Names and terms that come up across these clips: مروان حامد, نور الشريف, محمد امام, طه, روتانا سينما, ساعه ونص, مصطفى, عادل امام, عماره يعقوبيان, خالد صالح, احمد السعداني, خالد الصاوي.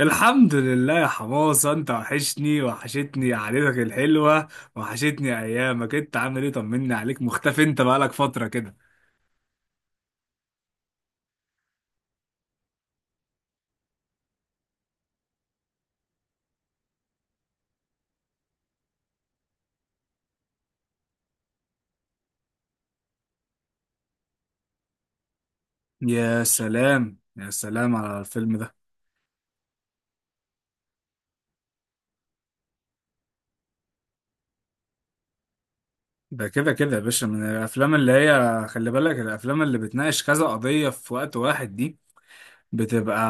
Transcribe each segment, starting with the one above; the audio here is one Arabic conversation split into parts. الحمد لله يا حماصة، انت وحشتني قعدتك الحلوة. وحشتني ايامك، انت عامل ايه؟ طمني عليك، مختفي، انت بقالك فترة كده. يا سلام يا سلام على الفيلم ده. ده كده كده يا باشا، من الافلام اللي هي خلي بالك، الافلام اللي بتناقش كذا قضية في وقت واحد دي بتبقى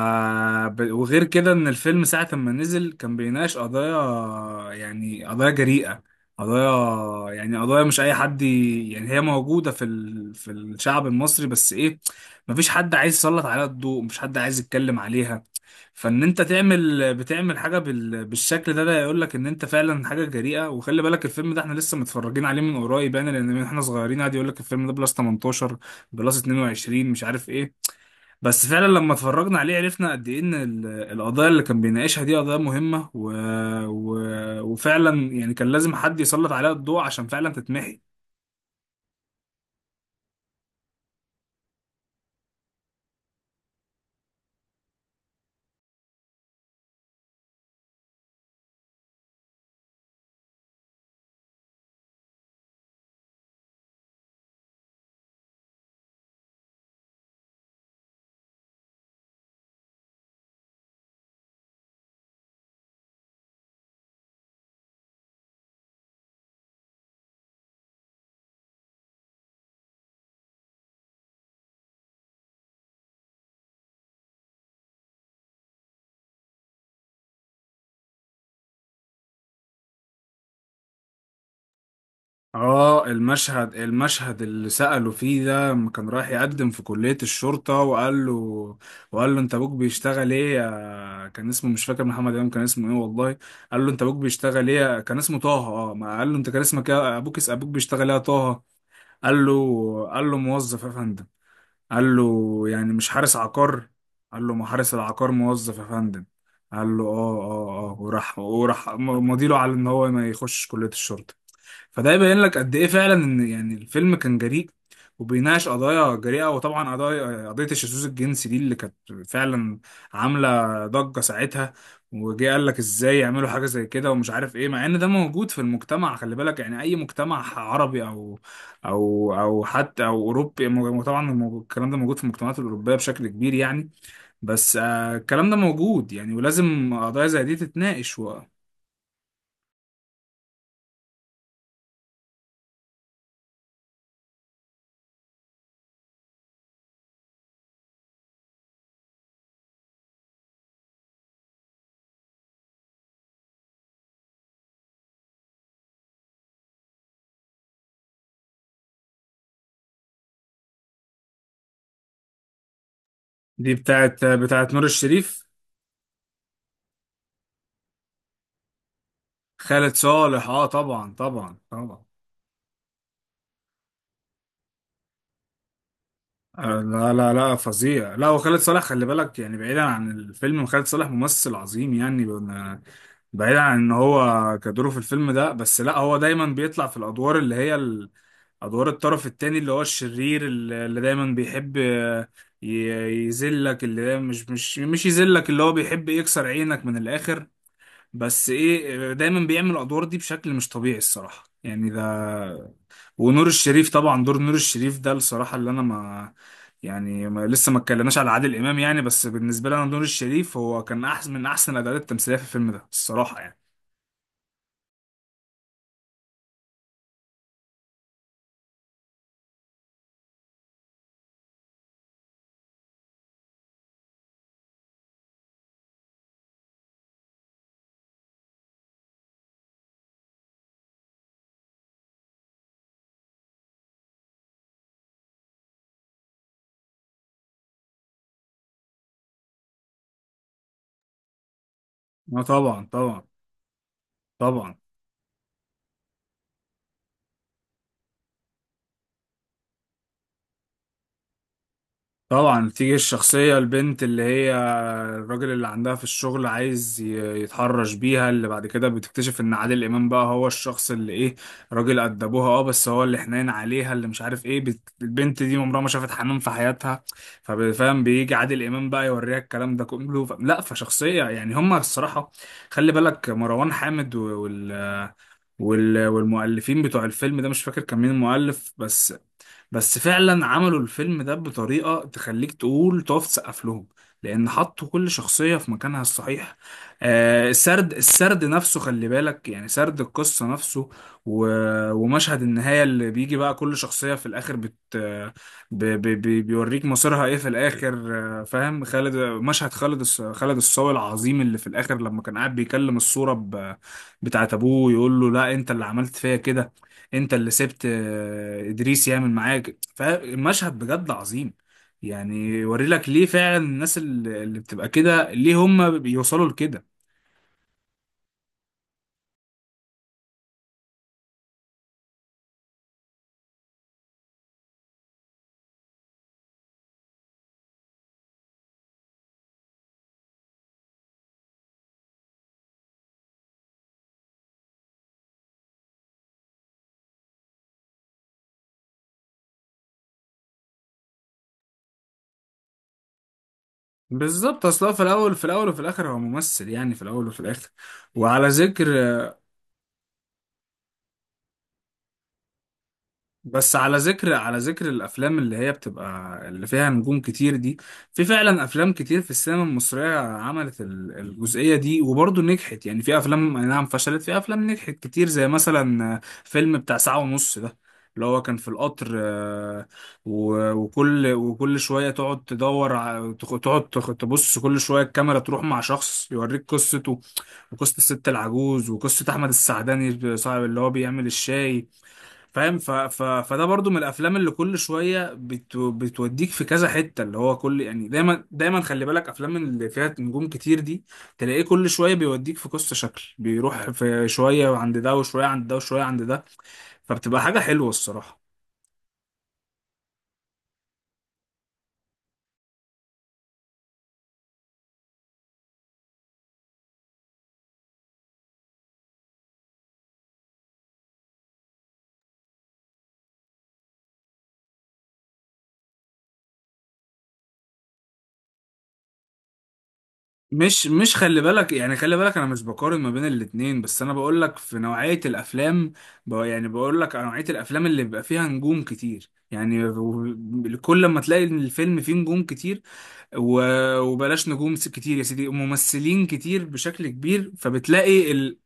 وغير كده ان الفيلم ساعة ما نزل كان بيناقش قضايا، يعني قضايا جريئة. قضايا، يعني قضايا مش اي حد، يعني هي موجودة في الشعب المصري، بس ايه، مفيش حد عايز يسلط عليها الضوء، مش حد عايز يتكلم عليها. فان انت تعمل بتعمل حاجة بالشكل ده، ده يقول لك ان انت فعلا حاجة جريئة. وخلي بالك الفيلم ده احنا لسه متفرجين عليه من قريب، يعني لان من احنا صغيرين قاعد يقول لك الفيلم ده بلس 18 بلس 22 مش عارف ايه. بس فعلا لما اتفرجنا عليه عرفنا قد ايه ان القضايا اللي كان بيناقشها دي قضايا مهمة، و... و... وفعلا يعني كان لازم حد يسلط عليها الضوء عشان فعلا تتمحي. اه، المشهد اللي سأله فيه ده لما كان رايح يقدم في كلية الشرطة، وقال له انت ابوك بيشتغل ايه يا- كان اسمه مش فاكر، محمد امام كان اسمه ايه والله، قال له انت ابوك بيشتغل ايه يا- كان اسمه طه، اه، ما قال له انت كان اسمك ايه يا- ابوك، اسم ابوك بيشتغل ايه يا طه؟ قال له، قال له موظف يا فندم. قال له يعني مش حارس عقار؟ قال له ما حارس العقار موظف يا فندم. قال له اه اه اه، وراح مضيله على ان هو ما يخش كلية الشرطة. فده يبين لك قد ايه فعلا ان يعني الفيلم كان جريء وبيناقش قضايا جريئة. وطبعا قضايا، قضية الشذوذ الجنسي دي اللي كانت فعلا عاملة ضجة ساعتها، وجه قال لك ازاي يعملوا حاجة زي كده ومش عارف ايه، مع ان ده موجود في المجتمع. خلي بالك يعني اي مجتمع عربي او حتى اوروبي، طبعا الكلام ده موجود في المجتمعات الاوروبية بشكل كبير يعني. بس الكلام ده موجود يعني، ولازم قضايا زي دي تتناقش دي بتاعت نور الشريف. خالد صالح، اه طبعا طبعا طبعا. آه لا لا لا فظيع، لا، وخالد صالح خلي بالك يعني، بعيدا عن الفيلم خالد صالح ممثل عظيم يعني، بعيدا عن ان هو كدوره في الفيلم ده بس، لا هو دايما بيطلع في الادوار اللي هي ادوار الطرف التاني اللي هو الشرير، اللي دايما بيحب يذلك، اللي دايما مش يذلك، اللي هو بيحب يكسر عينك من الاخر. بس ايه، دايما بيعمل الادوار دي بشكل مش طبيعي الصراحة يعني ده. ونور الشريف، طبعا دور نور الشريف ده الصراحة اللي أنا ما يعني ما لسه ما اتكلمناش على عادل إمام يعني. بس بالنسبة لي أنا نور الشريف هو كان أحسن من أحسن الأداءات التمثيلية في الفيلم ده الصراحة يعني. أه طبعا طبعا طبعا. طبعا بتيجي الشخصية، البنت اللي هي الراجل اللي عندها في الشغل عايز يتحرش بيها، اللي بعد كده بتكتشف ان عادل امام بقى هو الشخص اللي ايه، راجل قد ابوها، اه، بس هو اللي حنين عليها اللي مش عارف ايه. البنت دي عمرها ما شافت حنان في حياتها، فاهم، بيجي عادل امام بقى يوريها الكلام ده كله. لا، فشخصية يعني هما الصراحة، خلي بالك مروان حامد و- وال وال... والمؤلفين بتوع الفيلم ده مش فاكر كان مين المؤلف، بس بس فعلا عملوا الفيلم ده بطريقة تخليك تقول، تقف تسقف لهم، لأن حطوا كل شخصية في مكانها الصحيح. آه، السرد، السرد نفسه خلي بالك يعني، سرد القصة نفسه، و... ومشهد النهاية اللي بيجي بقى كل شخصية في الآخر بت... ب... ب... ب... بيوريك مصيرها إيه في الآخر. آه فاهم، خالد، مشهد خالد الصاوي العظيم اللي في الآخر لما كان قاعد بيكلم الصورة بتاعت ابوه، يقول له لا انت اللي عملت فيا كده، انت اللي سبت ادريس يعمل معاك. فالمشهد بجد عظيم، يعني يوري لك ليه فعلا الناس اللي بتبقى كده ليه هم بيوصلوا لكده. بالظبط، اصلا في الاول وفي الاخر هو ممثل، يعني في الاول وفي الاخر. وعلى ذكر، بس على ذكر الافلام اللي هي بتبقى اللي فيها نجوم كتير دي، في فعلا افلام كتير في السينما المصريه عملت الجزئيه دي وبرضه نجحت، يعني في افلام أي نعم فشلت، في افلام نجحت كتير، زي مثلا فيلم بتاع ساعه ونص ده اللي هو كان في القطر، آه، و- وكل وكل شويه تقعد تدور، تبص كل شويه الكاميرا تروح مع شخص يوريك قصته، وقصه الست العجوز، وقصه احمد السعداني صاحب اللي هو بيعمل الشاي، فاهم. ف... ف... فده برضو من الافلام اللي كل شويه بتوديك في كذا حته، اللي هو كل، يعني دايما دايما خلي بالك افلام اللي فيها نجوم كتير دي تلاقيه كل شويه بيوديك في قصه، شكل بيروح في شويه عند ده وشويه عند ده وشويه عند ده، فبتبقى حاجه حلوه الصراحه. مش مش خلي بالك يعني، خلي بالك انا مش بقارن ما بين الاتنين، بس انا بقول لك في نوعيه الافلام، يعني بقول لك نوعيه الافلام اللي بيبقى فيها نجوم كتير يعني، كل ما تلاقي إن الفيلم فيه نجوم كتير، وبلاش نجوم كتير يا سيدي، ممثلين كتير بشكل كبير، فبتلاقي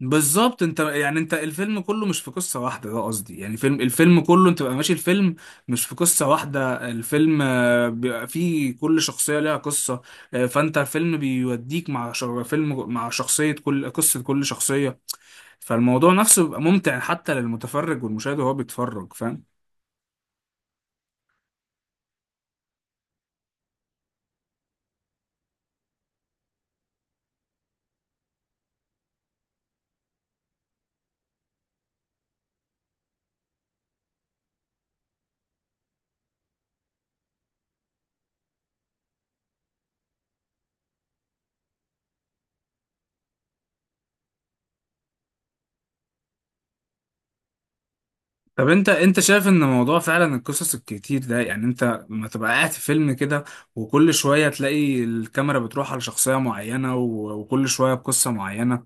بالظبط. انت يعني انت الفيلم كله مش في قصة واحدة، ده قصدي يعني، فيلم الفيلم كله انت بقى ماشي الفيلم مش في قصة واحدة، الفيلم بيبقى فيه كل شخصية ليها قصة، فانت الفيلم بيوديك مع فيلم مع شخصية، كل قصة، كل شخصية. فالموضوع نفسه بيبقى ممتع حتى للمتفرج والمشاهد وهو بيتفرج، فاهم. طب انت، شايف ان موضوع فعلا القصص الكتير ده، يعني انت لما تبقى قاعد في فيلم كده وكل شويه تلاقي الكاميرا بتروح على شخصيه معينه، و- وكل شويه بقصه معينه،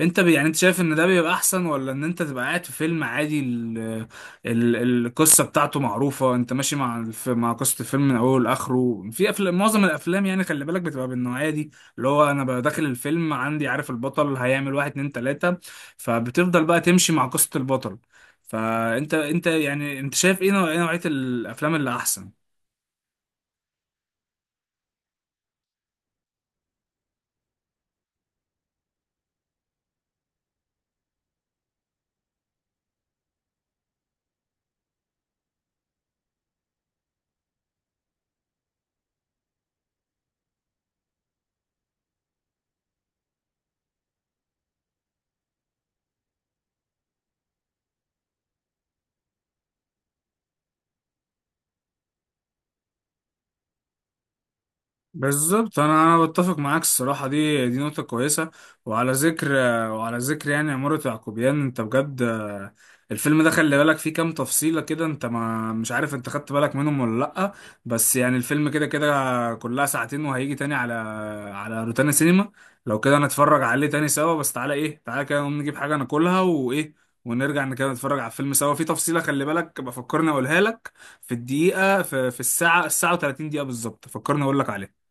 انت يعني انت شايف ان ده بيبقى احسن، ولا ان انت تبقى قاعد في فيلم عادي، ال... القصه بتاعته معروفه، انت ماشي مع مع قصه الفيلم من اوله لاخره، في افلام، معظم الافلام يعني خلي بالك بتبقى بالنوعيه دي اللي هو انا ببقى داخل الفيلم عندي عارف البطل هيعمل واحد اتنين تلاته، فبتفضل بقى تمشي مع قصه البطل. فانت، يعني انت شايف ايه ايه نوعيه الافلام اللي احسن؟ بالظبط، انا بتفق معاك الصراحه، دي نقطه كويسه. وعلى ذكر وعلى ذكر يعني عماره يعقوبيان، انت بجد، الفيلم ده خلي بالك فيه كام تفصيله كده، انت ما مش عارف انت خدت بالك منهم ولا لا. بس يعني الفيلم كده كده كلها ساعتين، وهيجي تاني على على روتانا سينما، لو كده نتفرج عليه تاني سوا. بس تعالى، ايه، تعالى كده نقوم نجيب حاجه ناكلها، وايه، ونرجع كده نتفرج على الفيلم سوا. في تفصيله خلي بالك بفكرني اقولها لك، في الدقيقه، في الساعه و30 دقيقه بالظبط فكرني اقول لك عليها.